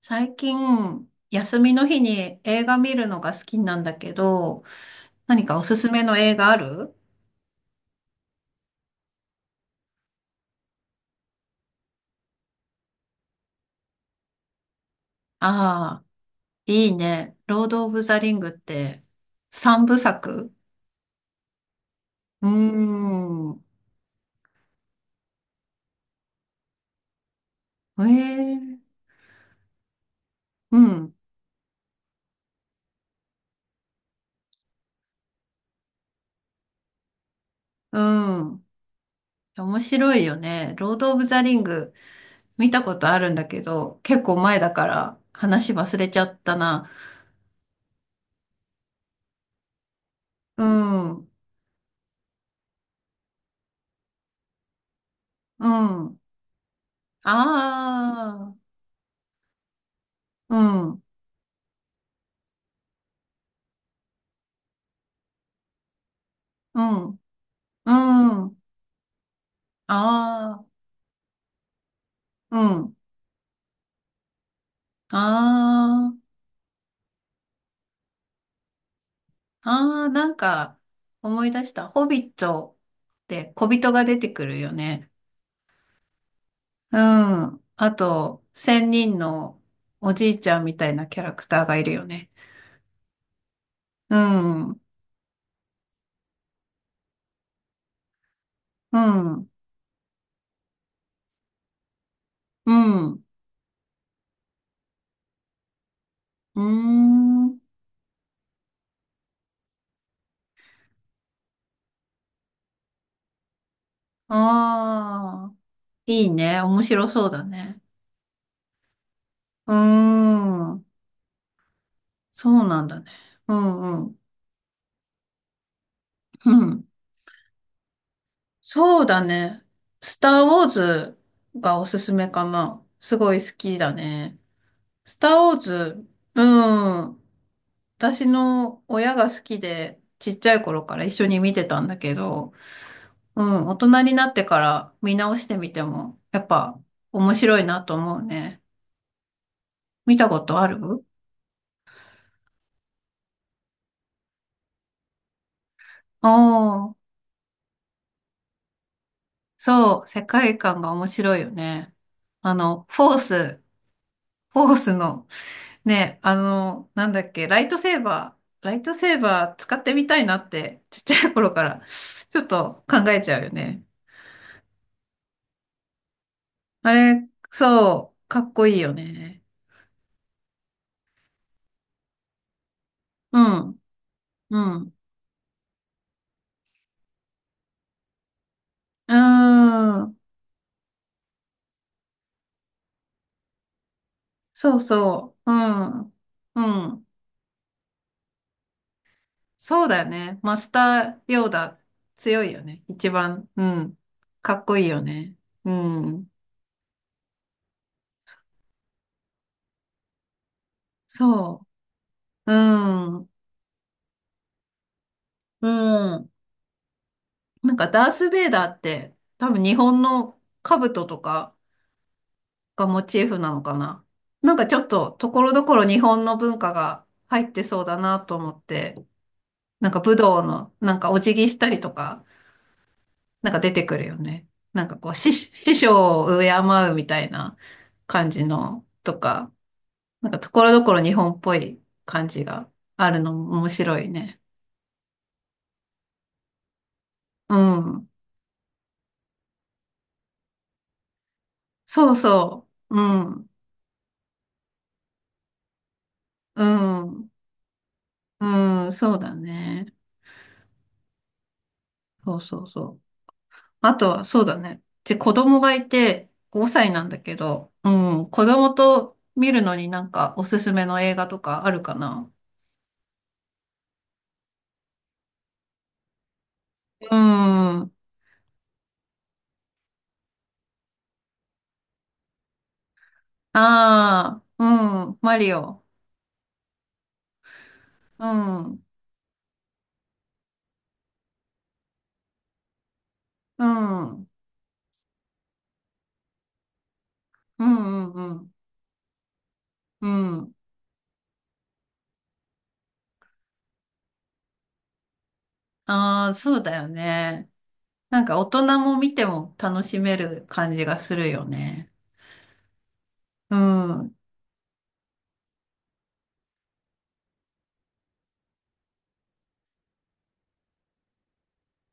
最近、休みの日に映画見るのが好きなんだけど、何かおすすめの映画ある？ああ、いいね。ロード・オブ・ザ・リングって三部作？うーん。ええ、うん、うん。面白いよね。ロード・オブ・ザ・リング見たことあるんだけど、結構前だから話忘れちゃったな。うん、うん。ああ、うん、うん、うん。ああ、うん。ああ、ああ、なんか思い出した。ホビットって小人が出てくるよね。うん。あと、千人のおじいちゃんみたいなキャラクターがいるよね。うん。うん。うん。ーん。ああ、いいね。面白そうだね。うーん。そうなんだね。うんうん。うん。そうだね。スター・ウォーズがおすすめかな。すごい好きだね。スター・ウォーズ、うん。私の親が好きで、ちっちゃい頃から一緒に見てたんだけど、うん、大人になってから見直してみても、やっぱ面白いなと思うね。見たことある？おー、そう、世界観が面白いよね。フォース、フォースのね、あの、なんだっけ、ライトセーバー使ってみたいなって、ちっちゃい頃からちょっと考えちゃうよね。あれ、そう、かっこいいよね。うん、うん、うーん、そうそう、うん、うん、そうだよね。マスターヨーダ強いよね。一番、うん、かっこいいよね。うん、そう、うん、うん。なんかダース・ベイダーって多分日本の兜とかがモチーフなのかな。なんかちょっとところどころ日本の文化が入ってそうだなと思って、なんか武道のなんかお辞儀したりとか、なんか出てくるよね。なんかこう師匠を敬うみたいな感じのとか、なんかところどころ日本っぽい感じがあるのも面白いね。うん。そうそう。うん。うん。うん。そうだね。そうそうそう。あとは、そうだね。で、子供がいて5歳なんだけど、うん、子供と見るのになんかおすすめの映画とかあるかな？うん。ああ、うん、マリオ。うん、うん、うん、うん、うん。うん、ああ、そうだよね。なんか大人も見ても楽しめる感じがするよね。うん、う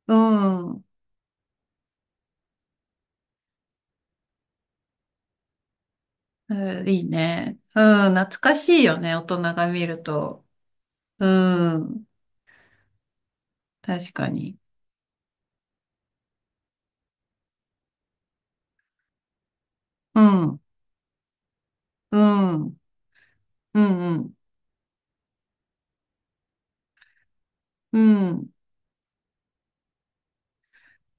ん、うん、いいね。うん、懐かしいよね、大人が見ると。うん。確かに。うん、うん、うん、うん、うん。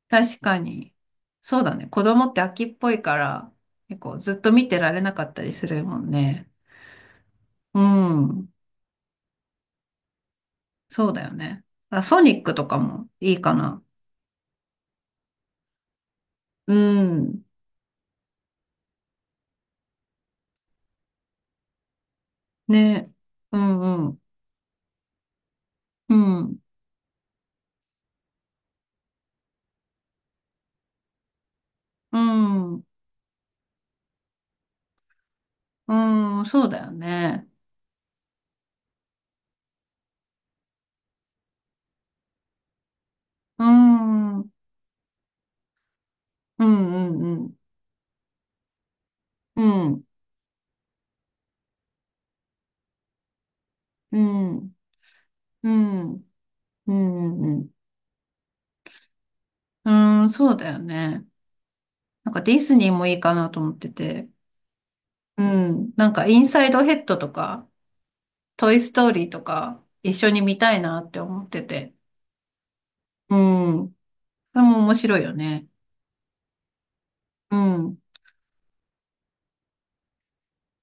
確かに。そうだね。子供って飽きっぽいから、結構ずっと見てられなかったりするもんね。うん、そうだよね。あ、ソニックとかもいいかな。うん、ね。うん、うん、うん、うん、うん、そうだよね。うん、うん、うん、うん、うん、うん、うん、うん、うん、うん、そうだよね。なんかディズニーもいいかなと思ってて。うん。なんかインサイドヘッドとか、トイストーリーとか、一緒に見たいなって思ってて。うん。それも面白いよね。うん。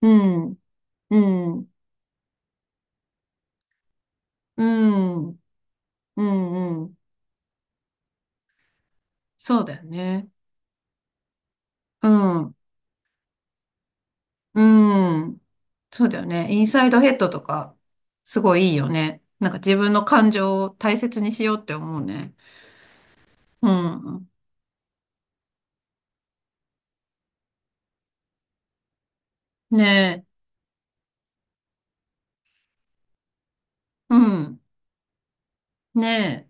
うん。うん。うん。うん。うん。そうだよね。うん。うん。そうだよね。インサイドヘッドとか、すごいいいよね。なんか自分の感情を大切にしようって思うね。うん。ねえ。うん。ね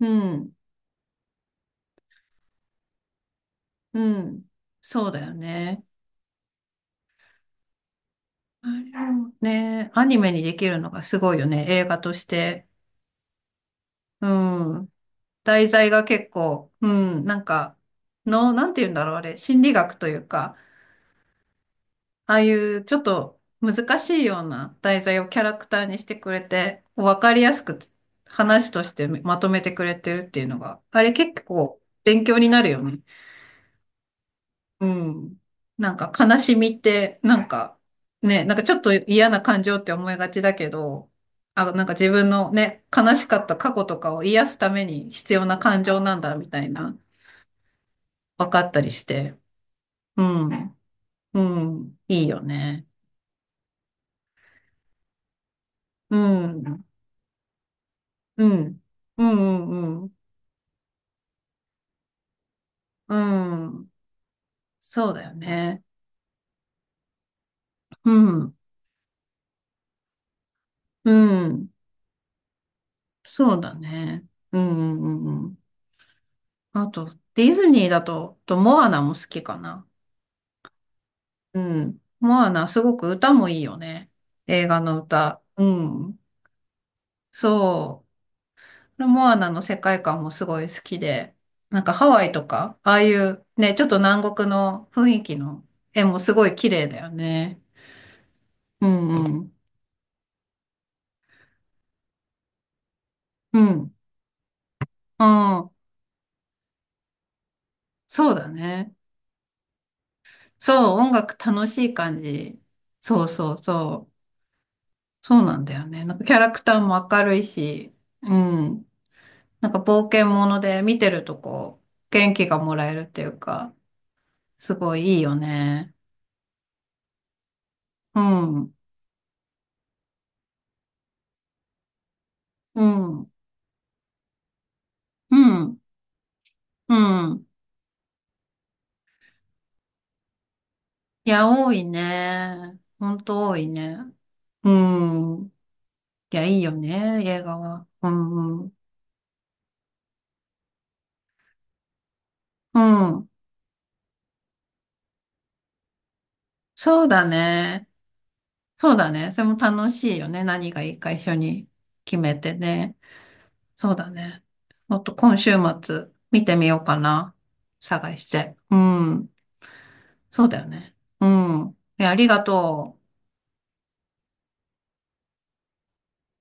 え。うん。うん。そうだよね。あれもね、アニメにできるのがすごいよね、映画として。うん。題材が結構、うん、なんか、の、なんて言うんだろう、あれ、心理学というか、ああいうちょっと難しいような題材をキャラクターにしてくれて、こうわかりやすくつ話としてまとめてくれてるっていうのが、あれ結構勉強になるよね。うん。なんか悲しみって、なんかね、なんかちょっと嫌な感情って思いがちだけど、あ、なんか自分のね、悲しかった過去とかを癒すために必要な感情なんだみたいな、分かったりして。うん。うん。いいよね。うん。うん。うんうんうん。うん。そうだよね。うん。うん。そうだね。うんうんうんうん。あと、ディズニーだと、とモアナも好きかな。うん。モアナ、すごく歌もいいよね。映画の歌。うん。そう。モアナの世界観もすごい好きで、なんかハワイとか、ああいうね、ちょっと南国の雰囲気の絵もすごい綺麗だよね。うんうん。うん。うん。そうだね。そう、音楽楽しい感じ。そうそうそう。そうなんだよね。なんかキャラクターも明るいし、うん。なんか冒険もので見てるとこう、元気がもらえるっていうか、すごいいいよね。うん、うん、うん、うん。いや、多いね。ほんと多いね。うん。いや、いいよね、映画は。うん、うん。うん。そうだね。そうだね。それも楽しいよね。何がいいか一緒に決めてね。そうだね。もっと今週末見てみようかな。探して。うん。そうだよね。うん。え、ありがとう。